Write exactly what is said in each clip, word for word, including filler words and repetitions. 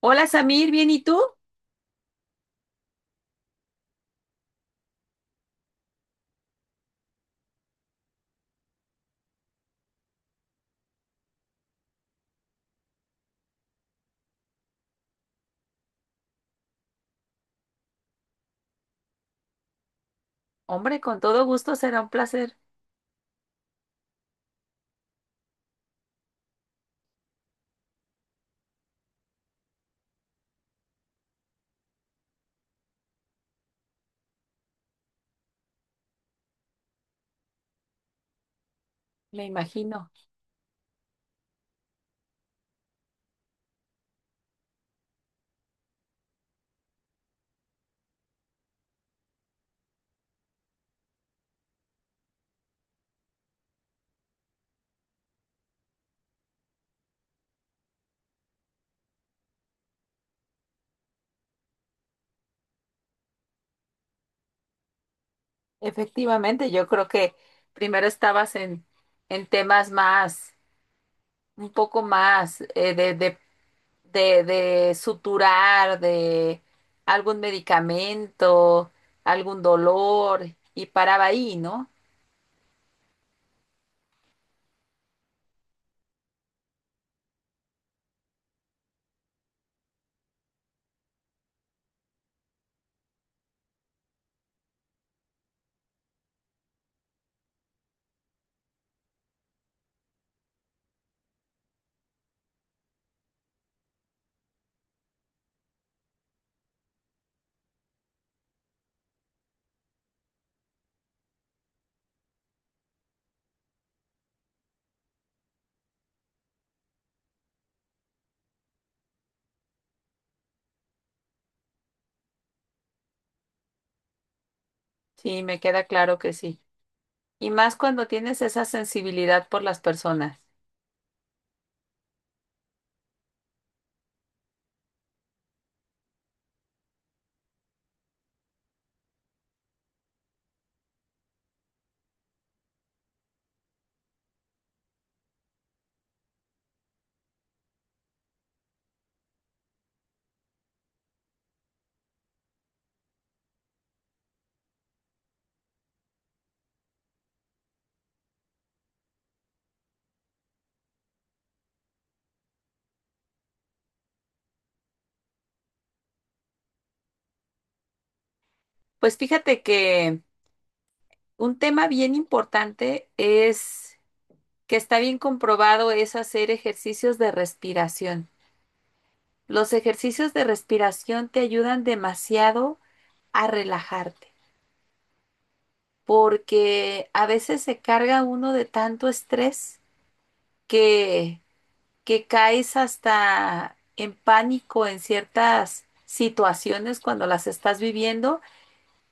Hola Samir, ¿bien y tú? Hombre, con todo gusto será un placer, me imagino. Efectivamente, yo creo que primero estabas en, en temas más, un poco más eh, de, de, de, de suturar, de algún medicamento, algún dolor, y paraba ahí, ¿no? Sí, me queda claro que sí. Y más cuando tienes esa sensibilidad por las personas. Pues fíjate que un tema bien importante es que está bien comprobado es hacer ejercicios de respiración. Los ejercicios de respiración te ayudan demasiado a relajarte, porque a veces se carga uno de tanto estrés que, que caes hasta en pánico en ciertas situaciones cuando las estás viviendo.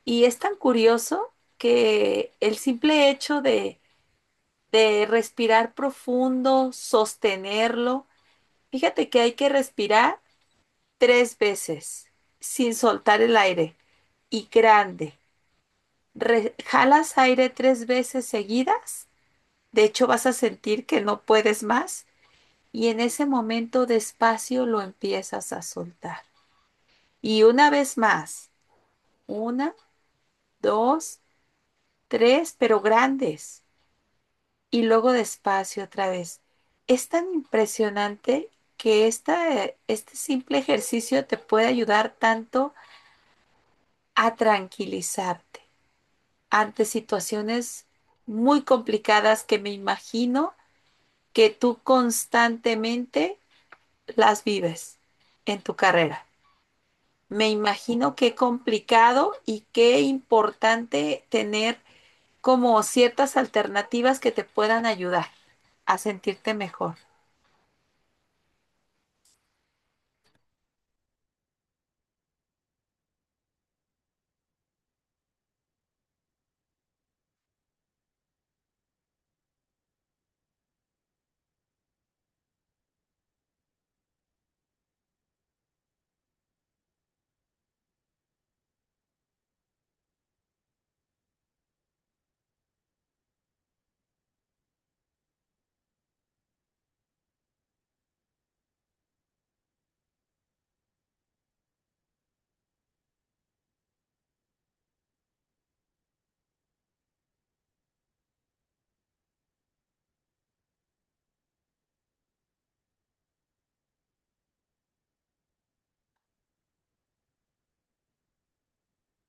Y es tan curioso que el simple hecho de, de respirar profundo, sostenerlo, fíjate que hay que respirar tres veces sin soltar el aire y grande. Re- jalas aire tres veces seguidas. De hecho, vas a sentir que no puedes más y en ese momento despacio lo empiezas a soltar. Y una vez más, una, dos, tres, pero grandes. Y luego despacio otra vez. Es tan impresionante que esta, este simple ejercicio te puede ayudar tanto a tranquilizarte ante situaciones muy complicadas que me imagino que tú constantemente las vives en tu carrera. Me imagino qué complicado y qué importante tener como ciertas alternativas que te puedan ayudar a sentirte mejor.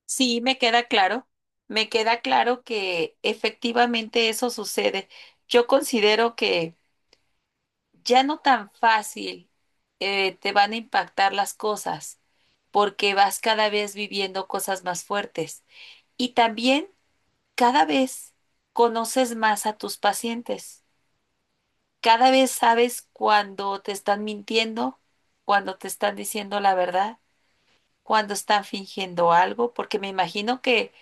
Sí, me queda claro. Me queda claro que efectivamente eso sucede. Yo considero que ya no tan fácil eh, te van a impactar las cosas porque vas cada vez viviendo cosas más fuertes. Y también cada vez conoces más a tus pacientes. Cada vez sabes cuando te están mintiendo, cuando te están diciendo la verdad, cuando están fingiendo algo, porque me imagino que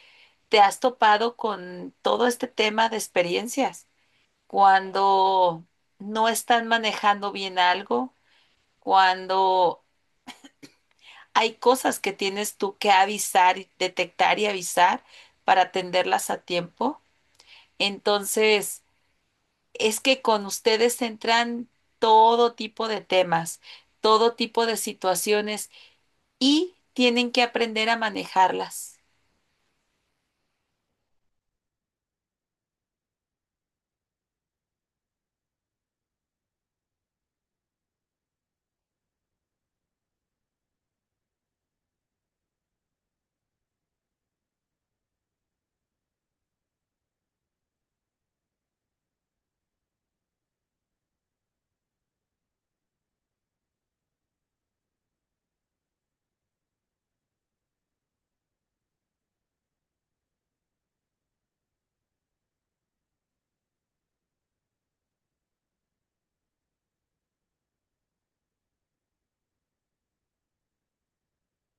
te has topado con todo este tema de experiencias, cuando no están manejando bien algo, cuando hay cosas que tienes tú que avisar, y detectar y avisar para atenderlas a tiempo. Entonces, es que con ustedes entran todo tipo de temas, todo tipo de situaciones y tienen que aprender a manejarlas.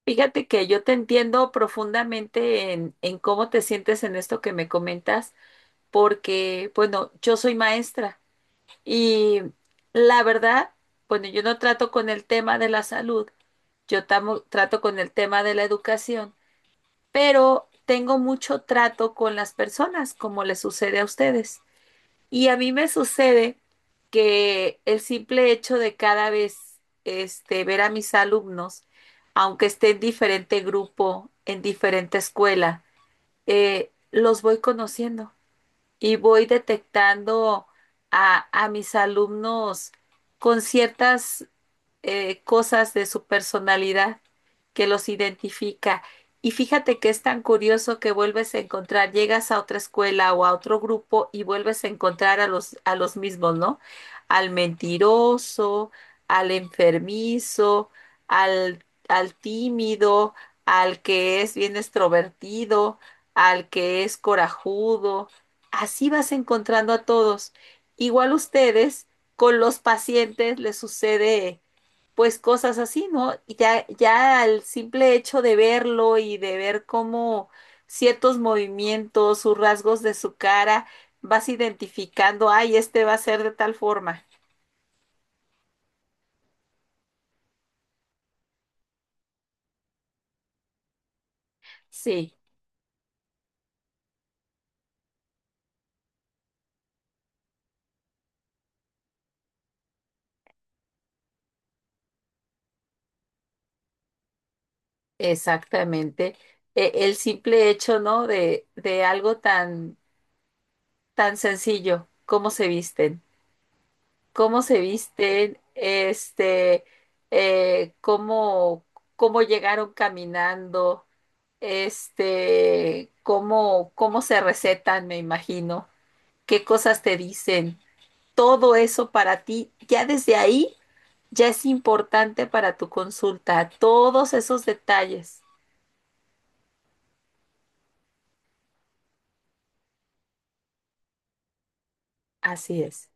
Fíjate que yo te entiendo profundamente en, en cómo te sientes en esto que me comentas, porque, bueno, yo soy maestra. Y la verdad, bueno, yo no trato con el tema de la salud, yo tamo- trato con el tema de la educación, pero tengo mucho trato con las personas, como les sucede a ustedes. Y a mí me sucede que el simple hecho de cada vez este, ver a mis alumnos, aunque esté en diferente grupo, en diferente escuela, eh, los voy conociendo y voy detectando a, a mis alumnos con ciertas eh, cosas de su personalidad que los identifica. Y fíjate que es tan curioso que vuelves a encontrar, llegas a otra escuela o a otro grupo y vuelves a encontrar a los, a los mismos, ¿no? Al mentiroso, al enfermizo, al, al tímido, al que es bien extrovertido, al que es corajudo. Así vas encontrando a todos. Igual ustedes con los pacientes les sucede pues cosas así, ¿no? Y ya, ya el simple hecho de verlo y de ver cómo ciertos movimientos, sus rasgos de su cara, vas identificando, ay, este va a ser de tal forma. Sí, exactamente. E- el simple hecho, ¿no? De, de algo tan, tan sencillo, cómo se visten. Cómo se visten, este, eh, cómo, cómo llegaron caminando, este, cómo, cómo se recetan, me imagino, qué cosas te dicen. Todo eso para ti, ya desde ahí, ya es importante para tu consulta, todos esos detalles. Así es,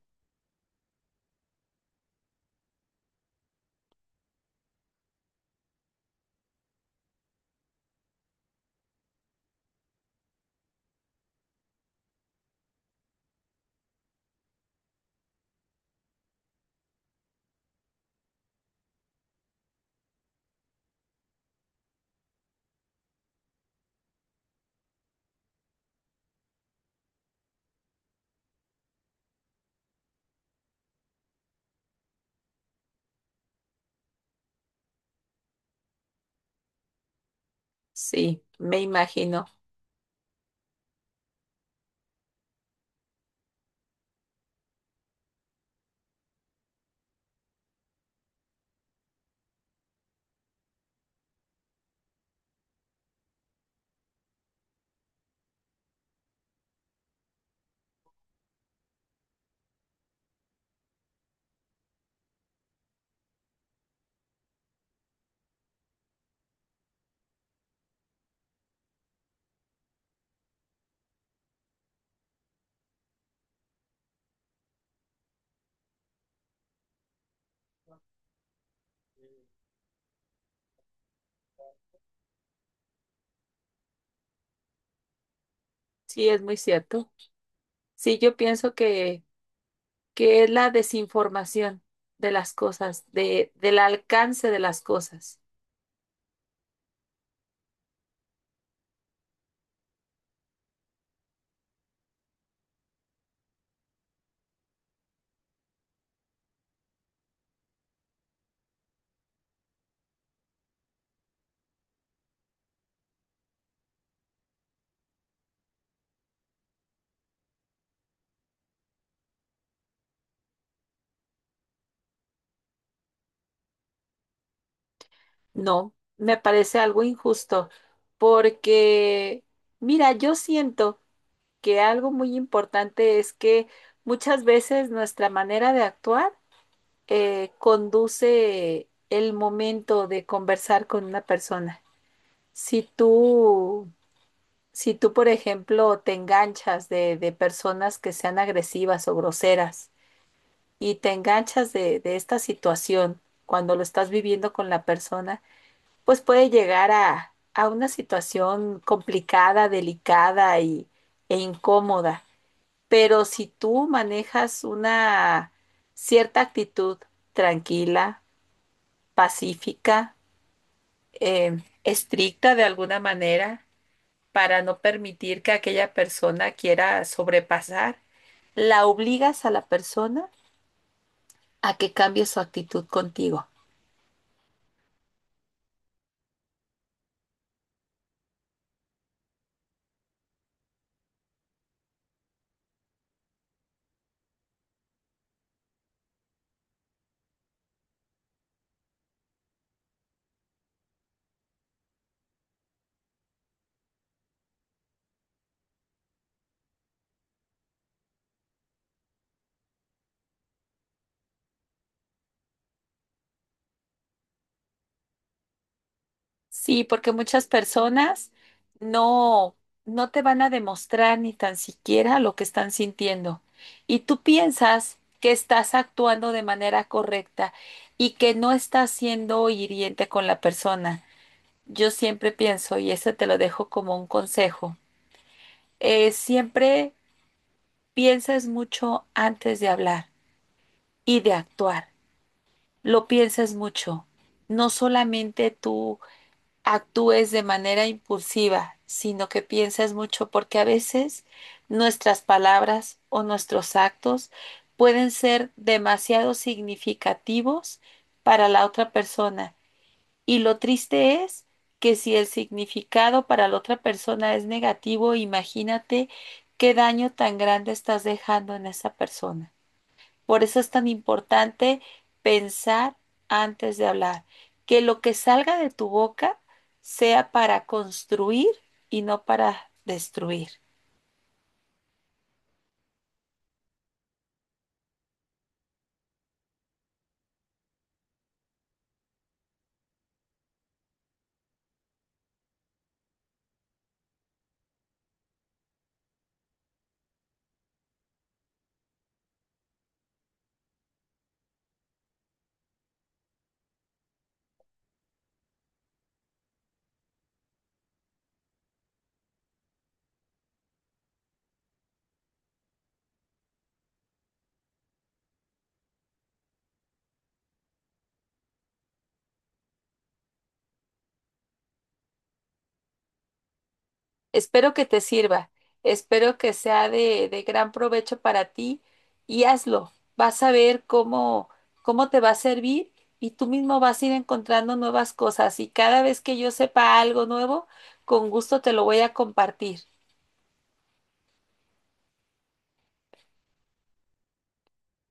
sí, me imagino, sí, es muy cierto. Sí, yo pienso que que es la desinformación de las cosas, de, del alcance de las cosas. No, me parece algo injusto porque, mira, yo siento que algo muy importante es que muchas veces nuestra manera de actuar eh, conduce el momento de conversar con una persona. Si tú, si tú, por ejemplo, te enganchas de de personas que sean agresivas o groseras, y te enganchas de, de esta situación cuando lo estás viviendo con la persona, pues puede llegar a, a una situación complicada, delicada y, e incómoda. Pero si tú manejas una cierta actitud tranquila, pacífica, eh, estricta de alguna manera, para no permitir que aquella persona quiera sobrepasar, la obligas a la persona a que cambie su actitud contigo. Sí, porque muchas personas no, no te van a demostrar ni tan siquiera lo que están sintiendo. Y tú piensas que estás actuando de manera correcta y que no estás siendo hiriente con la persona. Yo siempre pienso, y eso te lo dejo como un consejo, eh, siempre pienses mucho antes de hablar y de actuar. Lo piensas mucho. No solamente tú actúes de manera impulsiva, sino que pienses mucho, porque a veces nuestras palabras o nuestros actos pueden ser demasiado significativos para la otra persona. Y lo triste es que si el significado para la otra persona es negativo, imagínate qué daño tan grande estás dejando en esa persona. Por eso es tan importante pensar antes de hablar, que lo que salga de tu boca sea para construir y no para destruir. Espero que te sirva, espero que sea de, de gran provecho para ti y hazlo. Vas a ver cómo, cómo te va a servir y tú mismo vas a ir encontrando nuevas cosas y cada vez que yo sepa algo nuevo, con gusto te lo voy a compartir.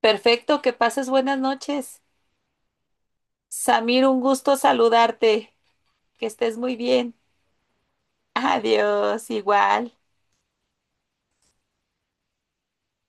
Perfecto, que pases buenas noches. Samir, un gusto saludarte. Que estés muy bien. Adiós, igual.